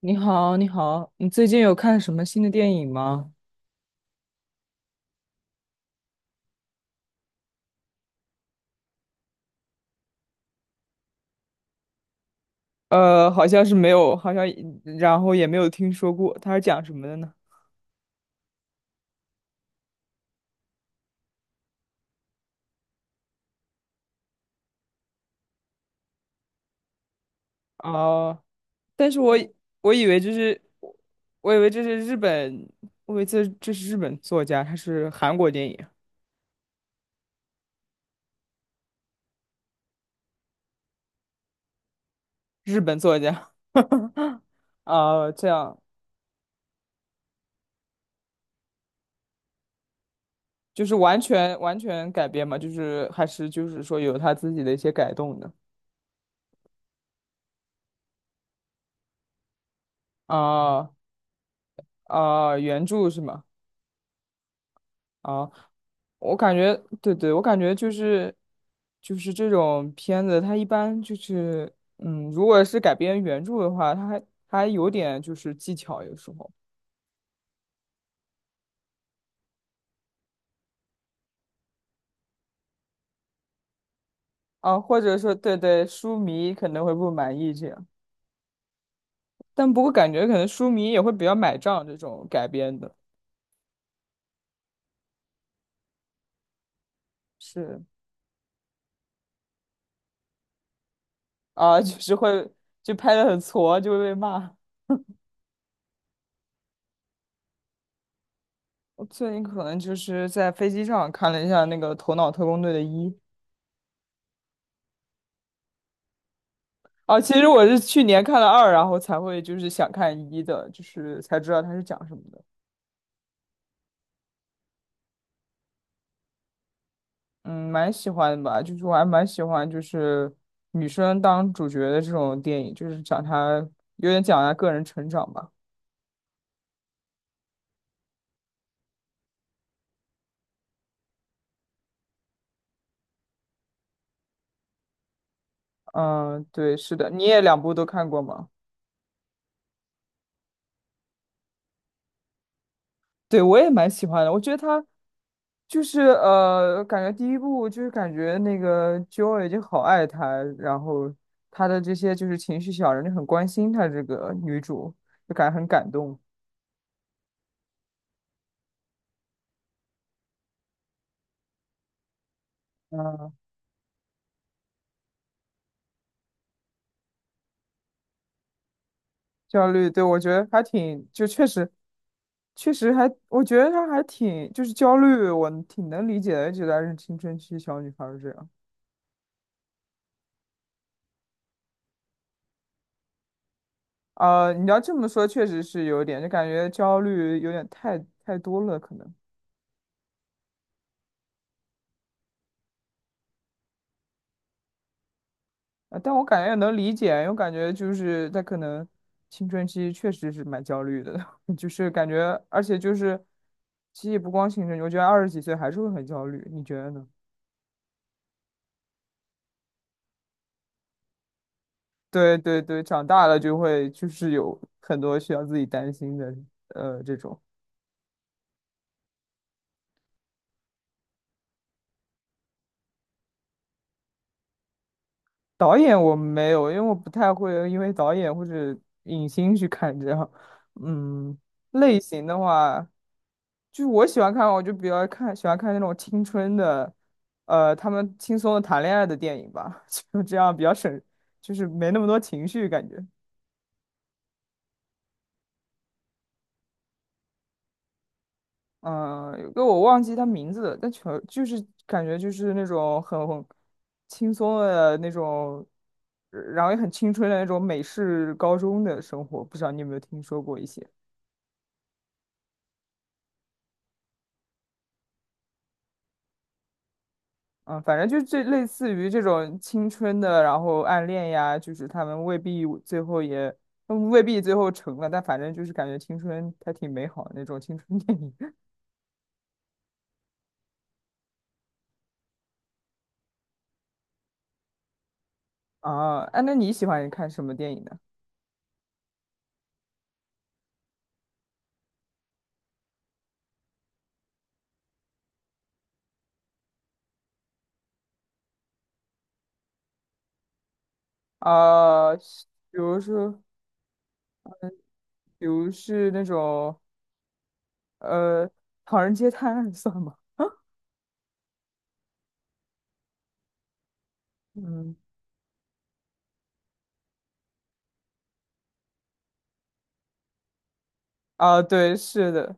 你好，你好，你最近有看什么新的电影吗？好像是没有，然后也没有听说过，它是讲什么的呢？哦、但是我以我以为这是，我以为这是日本，我以为这是日本作家，他是韩国电影，日本作家，啊、这样就是完全改编嘛，就是还是就是说有他自己的一些改动的，啊、啊、原著是吗？啊，我感觉，对对，我感觉就是，就是这种片子，它一般就是，嗯，如果是改编原著的话，它还有点就是技巧，有时候啊，或者说，对对，书迷可能会不满意这样，但不过感觉可能书迷也会比较买账这种改编的，是啊，就是会就拍的很挫，就会被骂。我最近可能就是在飞机上看了一下那个《头脑特工队》的一。哦，其实我是去年看了二，然后才会就是想看一的，就是才知道它是讲什么的。嗯，蛮喜欢的吧，就是我还蛮喜欢就是女生当主角的这种电影，就是讲她个人成长吧。嗯，对，是的，你也两部都看过吗？对，我也蛮喜欢的，我觉得她就是感觉第一部就是感觉那个 Joy 就好爱她，然后她的这些就是情绪小人就很关心她这个女主，就感觉很感动。嗯，焦虑，对，我觉得还挺，就确实，确实还，我觉得她还挺，就是焦虑，我挺能理解的，觉得是青春期小女孩儿这样。你要这么说，确实是有点，就感觉焦虑有点太多了，可能。但我感觉也能理解，因为我感觉就是她可能青春期确实是蛮焦虑的，就是感觉，而且就是，其实也不光青春期，我觉得二十几岁还是会很焦虑，你觉得呢？对对对，长大了就会就是有很多需要自己担心的，呃，这种导演我没有，因为我不太会因为导演或者影星去看这样。嗯，类型的话，就是我喜欢看，我就比较看喜欢看那种青春的，呃，他们轻松的谈恋爱的电影吧，就这样比较省，就是没那么多情绪感觉。嗯，有个我忘记他名字了，但全就是感觉就是那种很轻松的那种，然后也很青春的那种美式高中的生活，不知道你有没有听说过一些？嗯，反正就是这类似于这种青春的，然后暗恋呀，就是他们未必最后也，他们未必最后成了，但反正就是感觉青春还挺美好的那种青春电影 啊。哎，那你喜欢看什么电影呢？啊，比如说，比如是那种。呃，唐人街探案 算吗？嗯，啊，对，是的，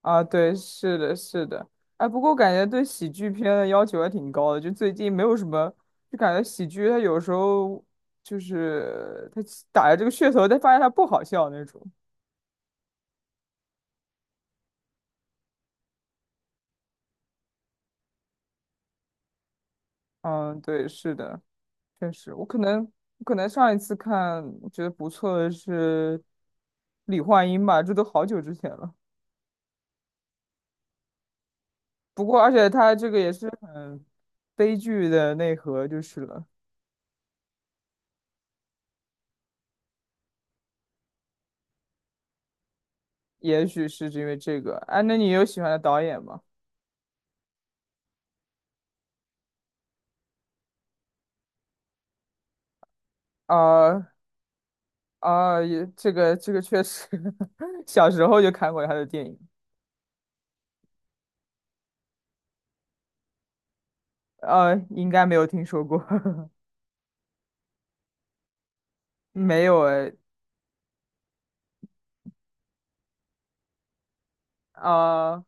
啊，对，是的，是的。哎，不过感觉对喜剧片的要求还挺高的，就最近没有什么，就感觉喜剧它有时候就是它打着这个噱头，但发现它不好笑那种。嗯，对，是的，确实，我可能上一次看我觉得不错的是李焕英吧，这都好久之前了。不过，而且它这个也是很悲剧的内核，就是了。也许是因为这个。哎、啊那你有喜欢的导演吗？啊啊，也这个确实，小时候就看过他的电影，应该没有听说过，没有哎，啊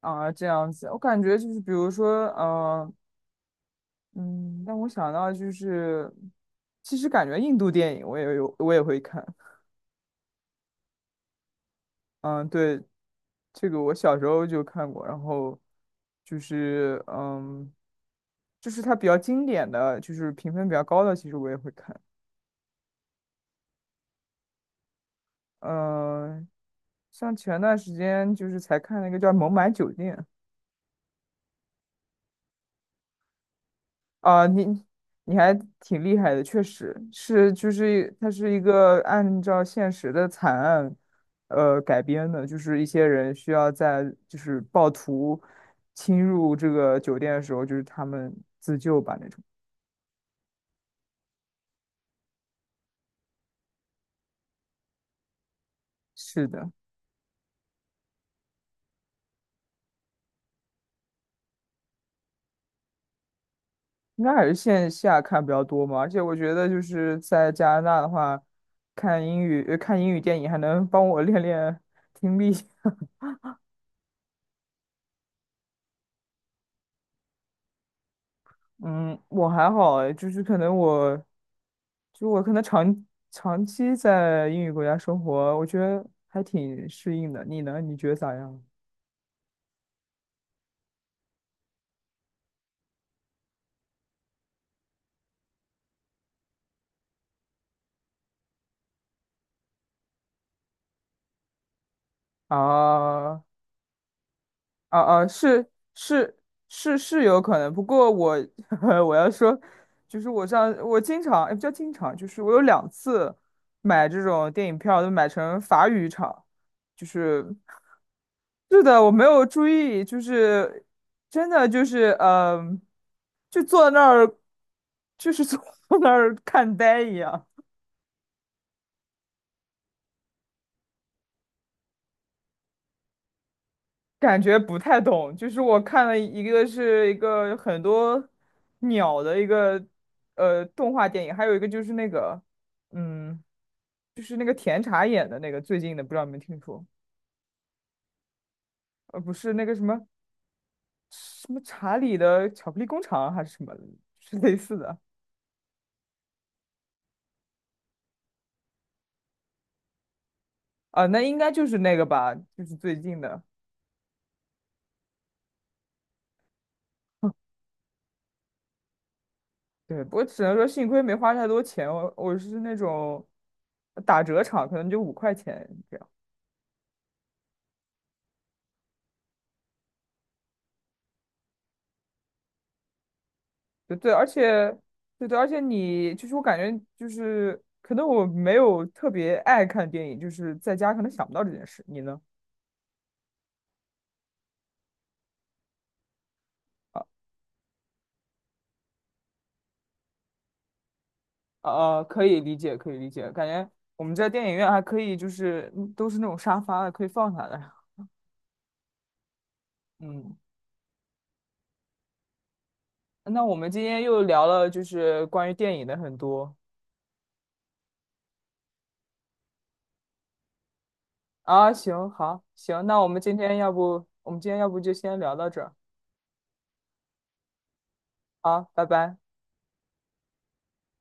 啊，这样子，我感觉就是比如说，呃，嗯，但我想到就是，其实感觉印度电影我也会看，嗯，对，这个我小时候就看过，然后就是嗯，就是它比较经典的，就是评分比较高的，其实我也会看。嗯，像前段时间就是才看那个叫《孟买酒店》，啊，你你还挺厉害的，确实是，就是它是一个按照现实的惨案，呃，改编的，就是一些人需要在就是暴徒侵入这个酒店的时候，就是他们自救吧那种。是的，应该还是线下看比较多嘛，而且我觉得就是在加拿大的话，看英语，看英语电影还能帮我练练听力。嗯，我还好诶就是可能我，就我可能长期在英语国家生活，我觉得还挺适应的。你呢？你觉得咋样？啊啊啊！是是是有可能，不过我 我要说，就是我经常也不叫经常，就是我有两次买这种电影票都买成法语场，就是。是的，我没有注意，就是真的就是嗯、就坐那儿，就是坐 那儿看呆一样，感觉不太懂。就是我看了一个是一个很多鸟的一个动画电影，还有一个就是那个嗯，就是那个甜茶演的那个最近的，不知道你们听说？呃，不是那个什么查理的巧克力工厂啊还是什么，是类似的啊、那应该就是那个吧，就是最近的。对，不过只能说幸亏没花太多钱，我我是那种打折场，可能就5块钱这样。对对，而且对对，而且你就是我感觉就是可能我没有特别爱看电影，就是在家可能想不到这件事。你呢？啊可以理解，可以理解，感觉我们在电影院还可以，就是嗯都是那种沙发的，可以放下来。嗯，那我们今天又聊了就是关于电影的很多。啊，行，好，行，那我们今天要不，我们今天要不就先聊到这儿啊，拜拜。